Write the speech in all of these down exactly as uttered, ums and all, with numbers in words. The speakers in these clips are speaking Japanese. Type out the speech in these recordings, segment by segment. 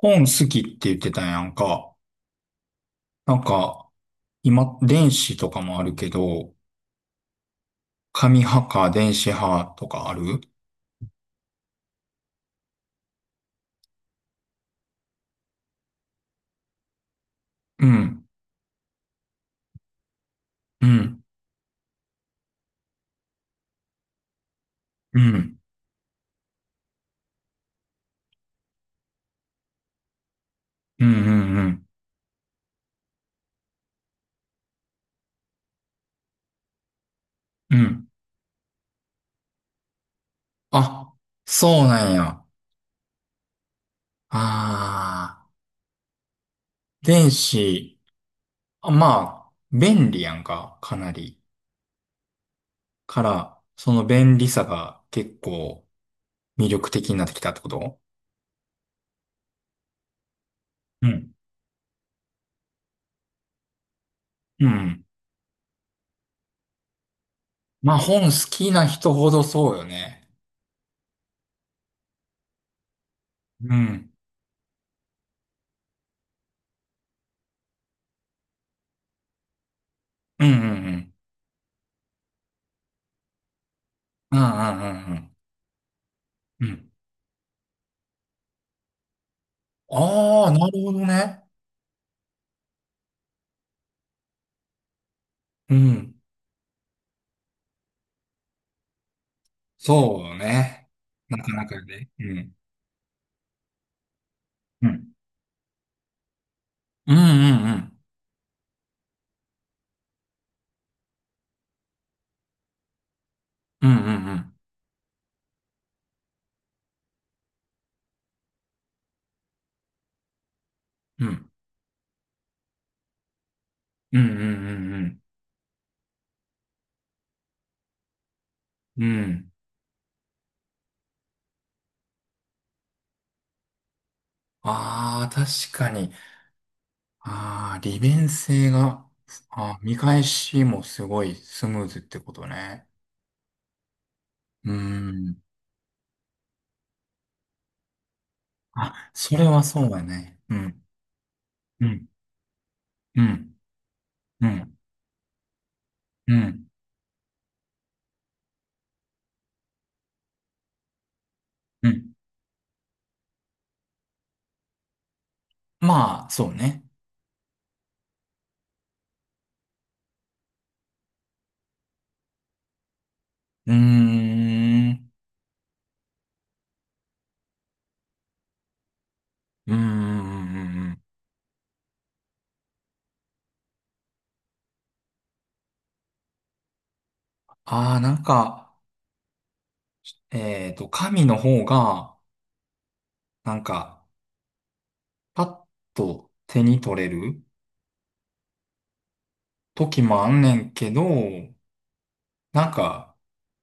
本好きって言ってたやんか。なんか、今、電子とかもあるけど、紙派か電子派とかある？うん、うん、うん、うん、うん、うん。うん。あ、そうなんや。あー、電子、あまあ、便利やんか、かなり。から、その便利さが結構魅力的になってきたってこと？うん。うん。まあ、本好きな人ほどそうよね。うん。うん、うん、うん。うんうんうんうん。うん。ああー、なるほどね。うん。そうね。なかなかね。うん。うん。うんうんうん。うんうんうん。うんうんうんうんうん、ああなるほどね、うん、そうね、なかなかね、うんうんうんうんうんうんうんうんうんうんうんうんうん。ああ確かに。ああ、利便性が、あー見返しもすごいスムーズってことね。うん。あ、それはそうだね。うん。うん。うん。うん。うん。うん。まあ、そうね。うーん。うんうんうんうんうん。ああ、なんか、えっと、神の方が、なんか、パッと手に取れる時もあんねんけど、なんか、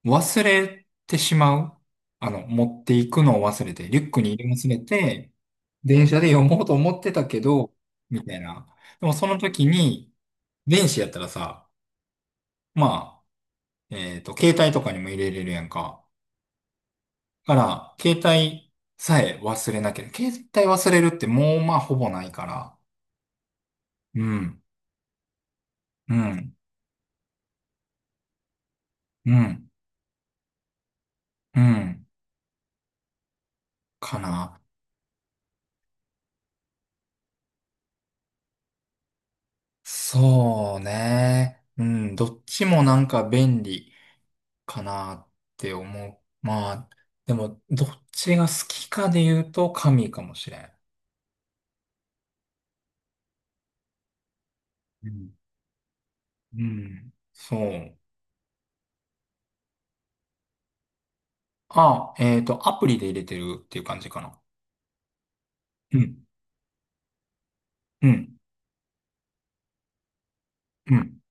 忘れてしまう。あの、持っていくのを忘れて、リュックに入れ忘れて、電車で読もうと思ってたけど、みたいな。でもその時に、電子やったらさ、まあ、えっと、携帯とかにも入れれるやんか。から、携帯さえ忘れなければ、携帯忘れるってもうまあほぼないから、うん、うん、うん、うん、かな。そうね。うん、どっちもなんか便利かなって思う。まあ、でも、どっちが好きかで言うと神かもしれん。うん、うんそう。あ、えっと、アプリで入れてるっていう感じかな。うん、うん、うん。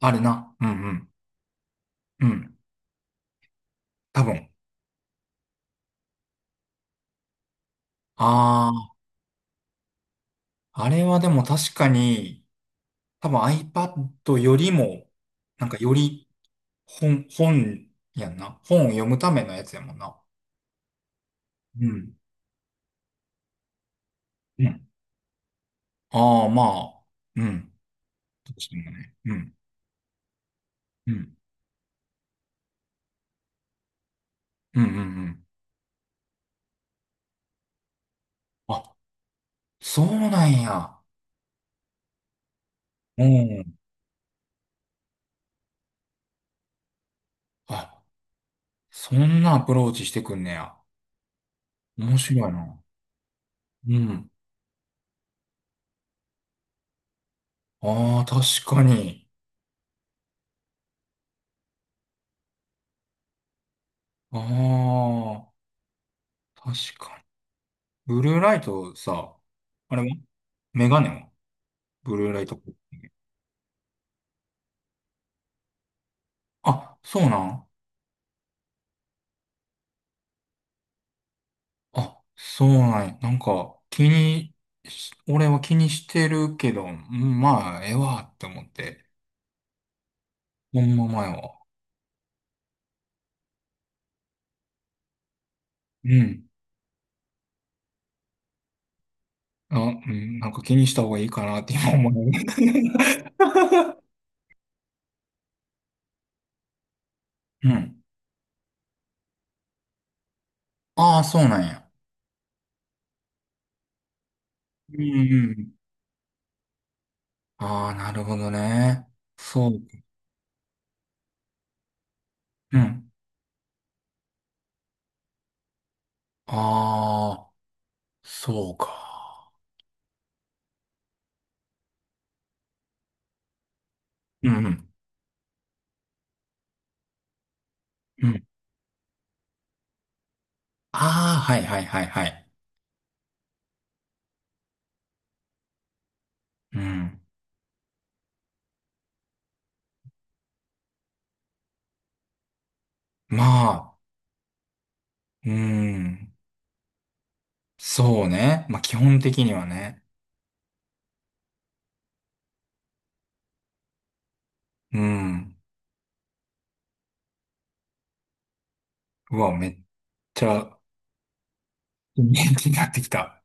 あるな。うん、うん、うん。多分。ああ、あれはでも確かに、多分 iPad よりも、なんかより本、本やんな。本を読むためのやつやもんな。うん。うん。ああ、まあ、うん。確かにね。うん。うん。うんうんうん。あ、そうなんや。うん。あ、そんなアプローチしてくんねや。面白いな。うん。ああ、確かに。ああ、確かに。ブルーライトさ、あれはメガネはブルーライト。あ、そうなん？あ、そうなんや。なんか、気にし、俺は気にしてるけど、うんまあ、ええわって思って。ほんま前は。うん。あ、うん、なんか気にした方がいいかなって今思う。うん。ああ、そうなんや。うんうん。ああ、なるほどね。そう。うん。ああ、そうか。うんうん。ああ、はいはいはいはい。うん。まあ、うん。そうね。まあ基本的にはね。うん。うわ、めっちゃ元気になってきた。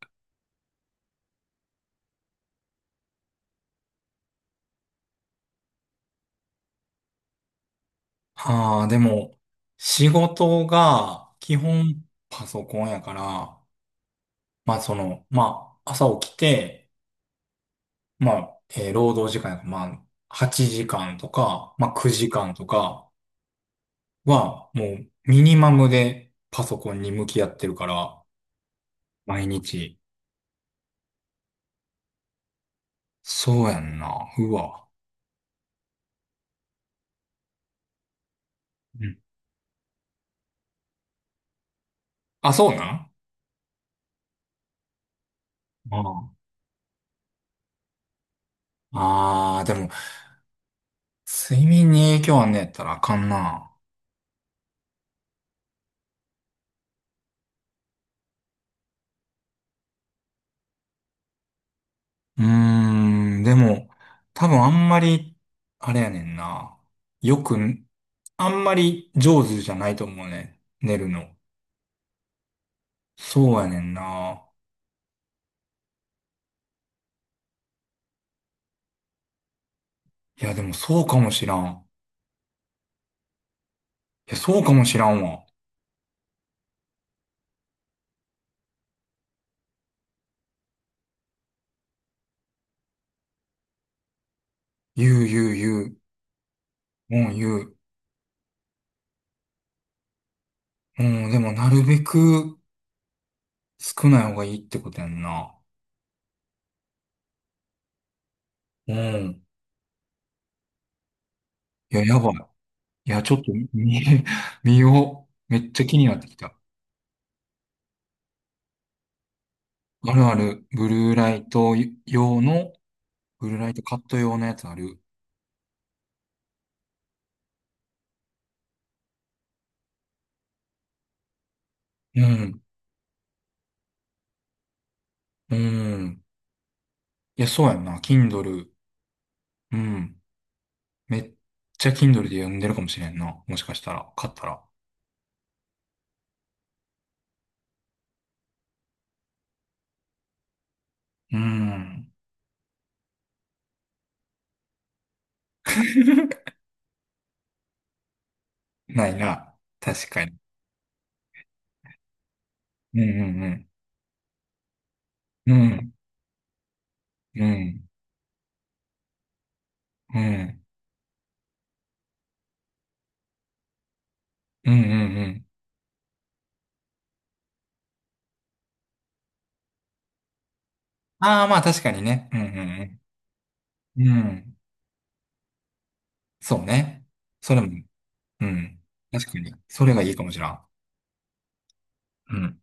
ああ、でも、仕事が基本パソコンやから、まあその、まあ朝起きて、まあ、えー労働時間やから、まあはちじかんとか、まあくじかんとかは、もうミニマムでパソコンに向き合ってるから、毎日。そうやんな。うわ。うん。あ、そうなん？ああ、あー、でも、睡眠に影響あんねやったらあかんな。うーん、でも、多分あんまり、あれやねんな。よく、あんまり上手じゃないと思うね。寝るの。そうやねんな。いや、でもそうかもしらん。いや、そうかもしらんわ。言う言う言う。うん、言う。うん、でもなるべく少ない方がいいってことやんな。うん。いや、やばい。いや、ちょっと見、見よう。めっちゃ気になってきた。あるある、ブルーライト用の、ブルーライトカット用のやつある。うん、うん。いや、そうやんな。Kindle。うん。めっちゃ Kindle で読んでるかもしれんな。もしかしたら、買ったら。うん。ないな。確かに。うんうんうん。うん。うん。うん。うんうんうん。ああ、まあ確かにね。うんうんうん。うん。そうね。それもうん。確かに。それがいいかもしらん。うん。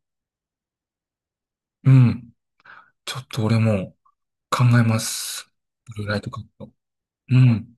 うん。ちょっと俺も考えます。ブルーライトカット。うん。